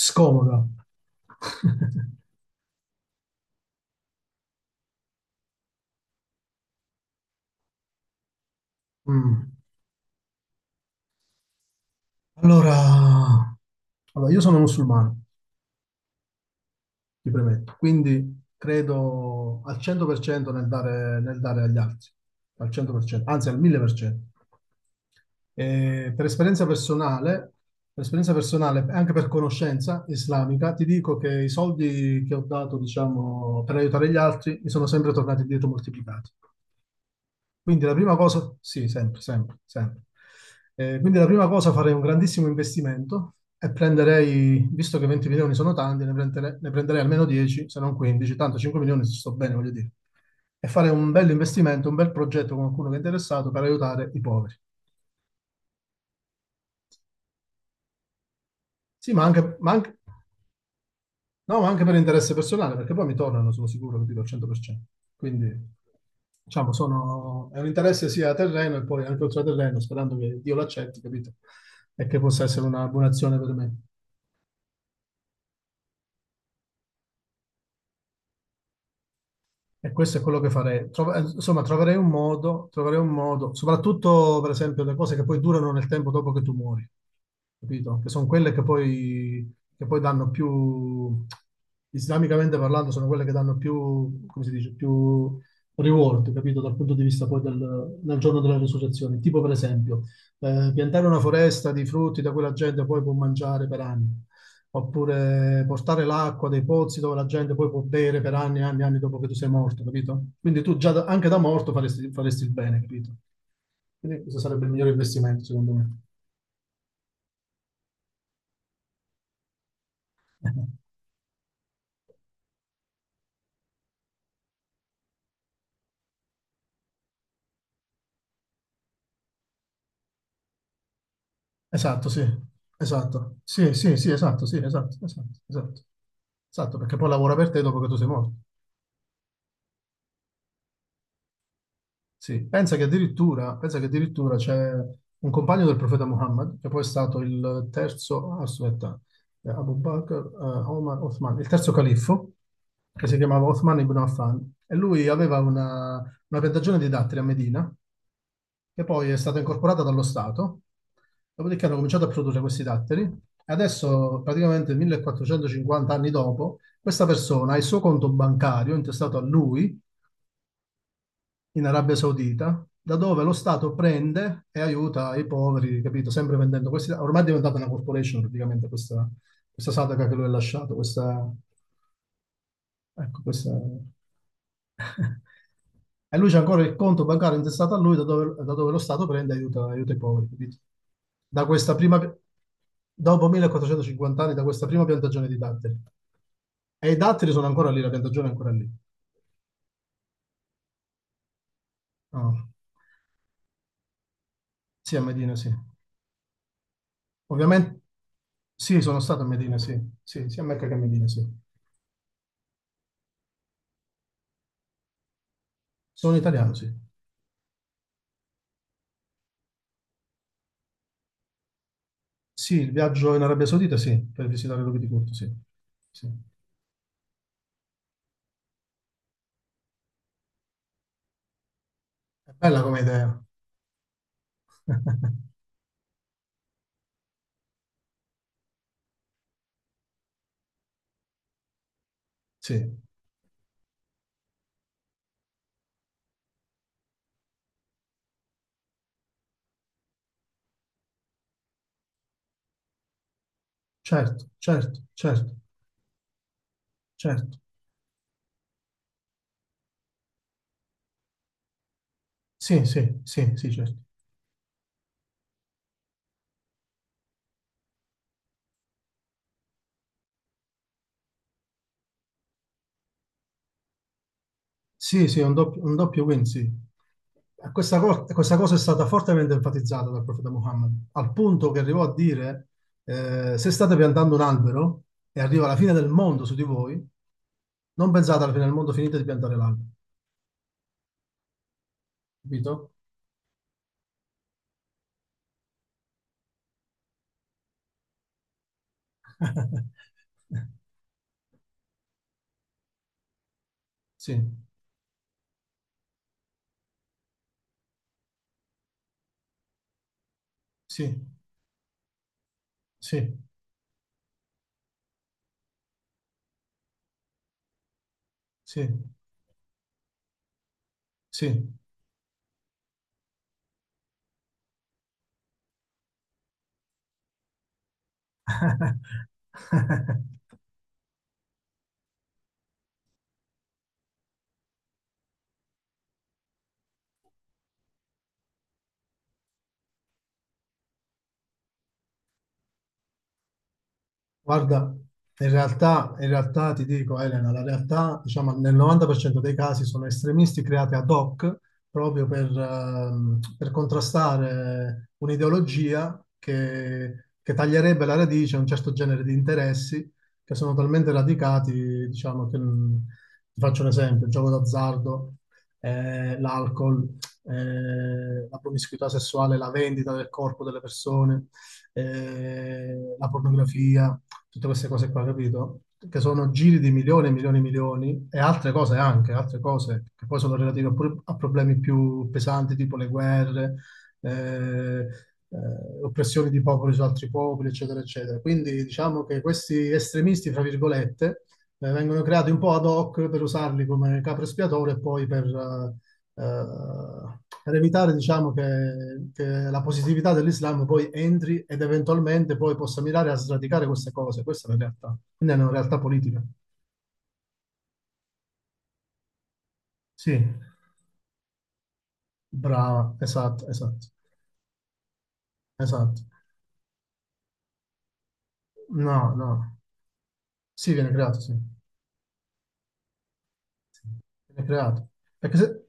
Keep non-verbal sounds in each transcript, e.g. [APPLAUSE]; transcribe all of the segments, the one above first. Scomoda. [LAUGHS] Mm. Allora, allora, io sono musulmano, ti premetto, quindi credo al 100% nel dare agli altri, al 100%, anzi al 1000%. Per esperienza personale, per esperienza personale, anche per conoscenza islamica, ti dico che i soldi che ho dato, diciamo, per aiutare gli altri, mi sono sempre tornati indietro moltiplicati. Quindi la prima cosa, sì, sempre, sempre, sempre. Quindi la prima cosa farei un grandissimo investimento e prenderei, visto che 20 milioni sono tanti, ne prenderei, almeno 10, se non 15, tanto 5 milioni ci sto bene, voglio dire. E fare un bel investimento, un bel progetto con qualcuno che è interessato per aiutare i poveri. Sì, ma anche, ma anche- No, ma anche per interesse personale, perché poi mi tornano, sono sicuro, capito, al 100%. Quindi, diciamo, sono è un interesse sia a terreno e poi anche oltre a terreno, sperando che Dio l'accetti, capito? E che possa essere una buona azione per me. E questo è quello che farei. Insomma, troverei un modo, soprattutto per esempio le cose che poi durano nel tempo dopo che tu muori, capito? Che sono quelle che poi danno più, islamicamente parlando, sono quelle che danno più, come si dice, più reward, capito? Dal punto di vista poi del, del giorno della risurrezione. Tipo per esempio, piantare una foresta di frutti da cui la gente poi può mangiare per anni, oppure portare l'acqua dei pozzi dove la gente poi può bere per anni e anni e anni dopo che tu sei morto, capito? Anche da morto faresti, faresti il bene, capito? Quindi questo sarebbe il migliore investimento, secondo me. [LAUGHS] Esatto, sì, esatto. Sì, sì, sì, esatto, sì, esatto, esatto, esatto. Esatto, perché poi lavora per te dopo che tu sei morto. Sì, pensa che addirittura c'è un compagno del profeta Muhammad, che poi è stato il terzo, aspetta, Abu Bakr, Omar, Othman, il terzo califfo, che si chiamava Othman ibn Affan, e lui aveva una piantagione di datteri a Medina, che poi è stata incorporata dallo Stato, dopodiché hanno cominciato a produrre questi datteri, e adesso, praticamente 1450 anni dopo, questa persona ha il suo conto bancario intestato a lui, in Arabia Saudita, da dove lo Stato prende e aiuta i poveri, capito? Sempre vendendo questi. Ormai è diventata una corporation praticamente questa, questa Sadaqa che lui ha lasciato, questa, ecco, questa [LAUGHS] e lui c'è ancora il conto bancario intestato a lui, da dove lo Stato prende e aiuta, aiuta i poveri, capito? Da questa prima, Dopo 1450 anni, da questa prima piantagione di datteri. E i datteri sono ancora lì, la piantagione è ancora lì. Ah, sì, a Medina, sì. Ovviamente sì, sono stato a Medina, sì. Sì, sia a Mecca che a Medina, sì. Sono italiano, sì. Sì, il viaggio in Arabia Saudita, sì, per visitare l'Ubi di Curto, sì. Sì. È bella come idea. [LAUGHS] Sì, certo, certo, certo, certo. Sì, sì, sì, sì, certo. Sì, sì, un doppio win, sì. Questa, questa cosa è stata fortemente enfatizzata dal profeta Muhammad, al punto che arrivò a dire, se state piantando un albero e arriva la fine del mondo su di voi, non pensate alla fine del mondo, finite di piantare l'albero, capito? Sì, sì, sì, sì, sì. [LAUGHS] Guarda, in realtà ti dico, Elena, la realtà, diciamo, nel 90% dei casi sono estremisti creati ad hoc proprio per contrastare un'ideologia che taglierebbe la radice a un certo genere di interessi che sono talmente radicati, diciamo, ti faccio un esempio, il gioco d'azzardo, l'alcol, la promiscuità sessuale, la vendita del corpo delle persone, la pornografia, tutte queste cose qua, capito? Che sono giri di milioni e milioni e milioni e altre cose anche, altre cose che poi sono relative pure a problemi più pesanti, tipo le guerre, eh, eh, oppressioni di popoli su altri popoli, eccetera, eccetera. Quindi diciamo che questi estremisti, fra virgolette, vengono creati un po' ad hoc per usarli come capro espiatorio e poi per evitare, diciamo, che la positività dell'Islam poi entri ed eventualmente poi possa mirare a sradicare queste cose. Questa è la realtà. Quindi è una realtà politica. Sì, brava, esatto, esatto, esatto. No, no. Sì, viene creato, sì. Sì, viene creato. Perché se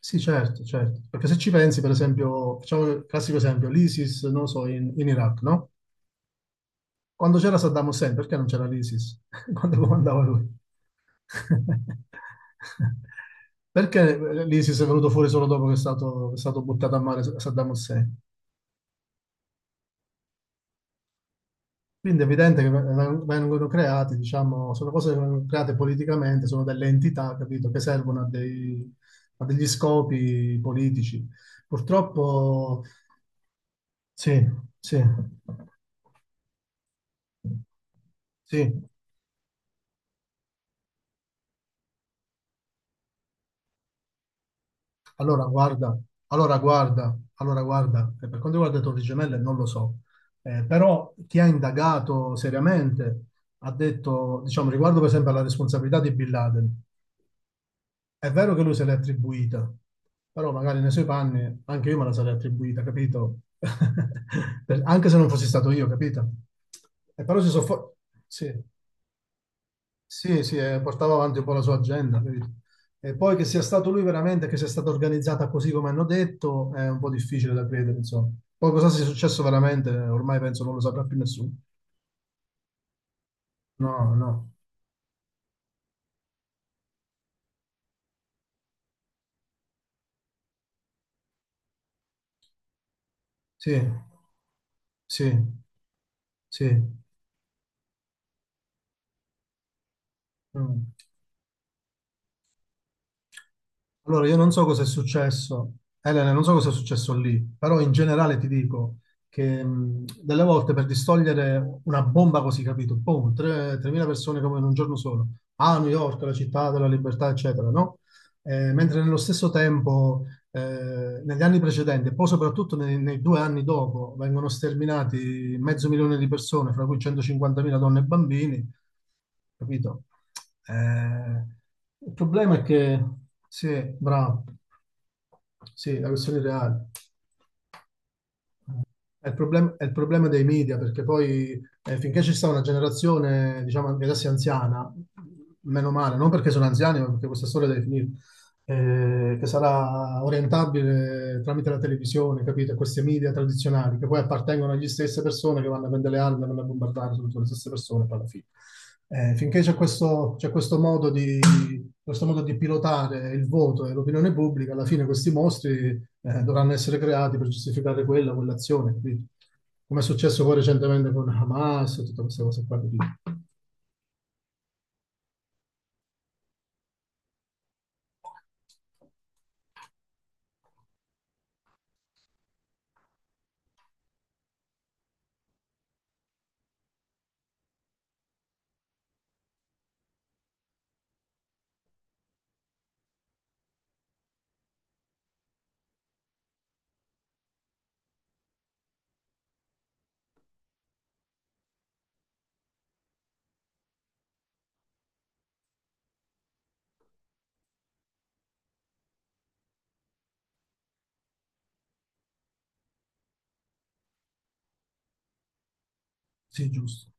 Sì, certo, certo. Perché se ci pensi, per esempio, facciamo il classico esempio, l'ISIS, non lo so, in, in Iraq, no? Quando c'era Saddam Hussein, perché non c'era l'ISIS? [LAUGHS] Quando comandava lui? [LAUGHS] Perché l'ISIS è venuto fuori solo dopo che è stato buttato a mare Saddam Hussein? Quindi è evidente che vengono creati, diciamo, sono cose che vengono create politicamente, sono delle entità, capito, che servono a, dei- a degli scopi politici. Purtroppo, sì, sì, sì. Allora guarda, allora guarda, per quanto riguarda le Torri Gemelle non lo so. Però chi ha indagato seriamente ha detto, diciamo, riguardo per esempio alla responsabilità di Bin Laden, è vero che lui se l'è attribuita, però magari nei suoi panni anche io me la sarei attribuita, capito? [LAUGHS] Anche se non fossi stato io, capito? E però si sono sì. Sì, sì, portava avanti un po' la sua agenda, capito? E poi che sia stato lui veramente, che sia stata organizzata così come hanno detto, è un po' difficile da credere, insomma. Poi cosa sia successo veramente, ormai penso non lo saprà più nessuno. No, no, sì, sì, sì. Mm. Allora, io non so cosa è successo, Elena, non so cosa è successo lì, però in generale ti dico che delle volte per distogliere una bomba così, capito? Boom, 3.000 persone come in un giorno solo, a New York, la città della libertà, eccetera, no? Mentre nello stesso tempo, negli anni precedenti, e poi soprattutto nei, nei due anni dopo, vengono sterminati mezzo milione di persone, fra cui 150.000 donne e bambini, capito? Eh, il problema è che, sì, bravo, sì, la questione reale. È il problema dei media, perché poi finché ci sta una generazione, diciamo, anche adesso anziana, meno male, non perché sono anziani, ma perché questa storia deve finire, che sarà orientabile tramite la televisione, capito? Questi media tradizionali che poi appartengono alle stesse persone che vanno a prendere le armi e vanno a bombardare sono tutte le stesse persone poi alla fine. Finché c'è questo modo di pilotare il voto e l'opinione pubblica, alla fine questi mostri dovranno essere creati per giustificare quella, quell'azione, capito? Come è successo poi recentemente con Hamas e tutte queste cose qua, capito? Sì, giusto.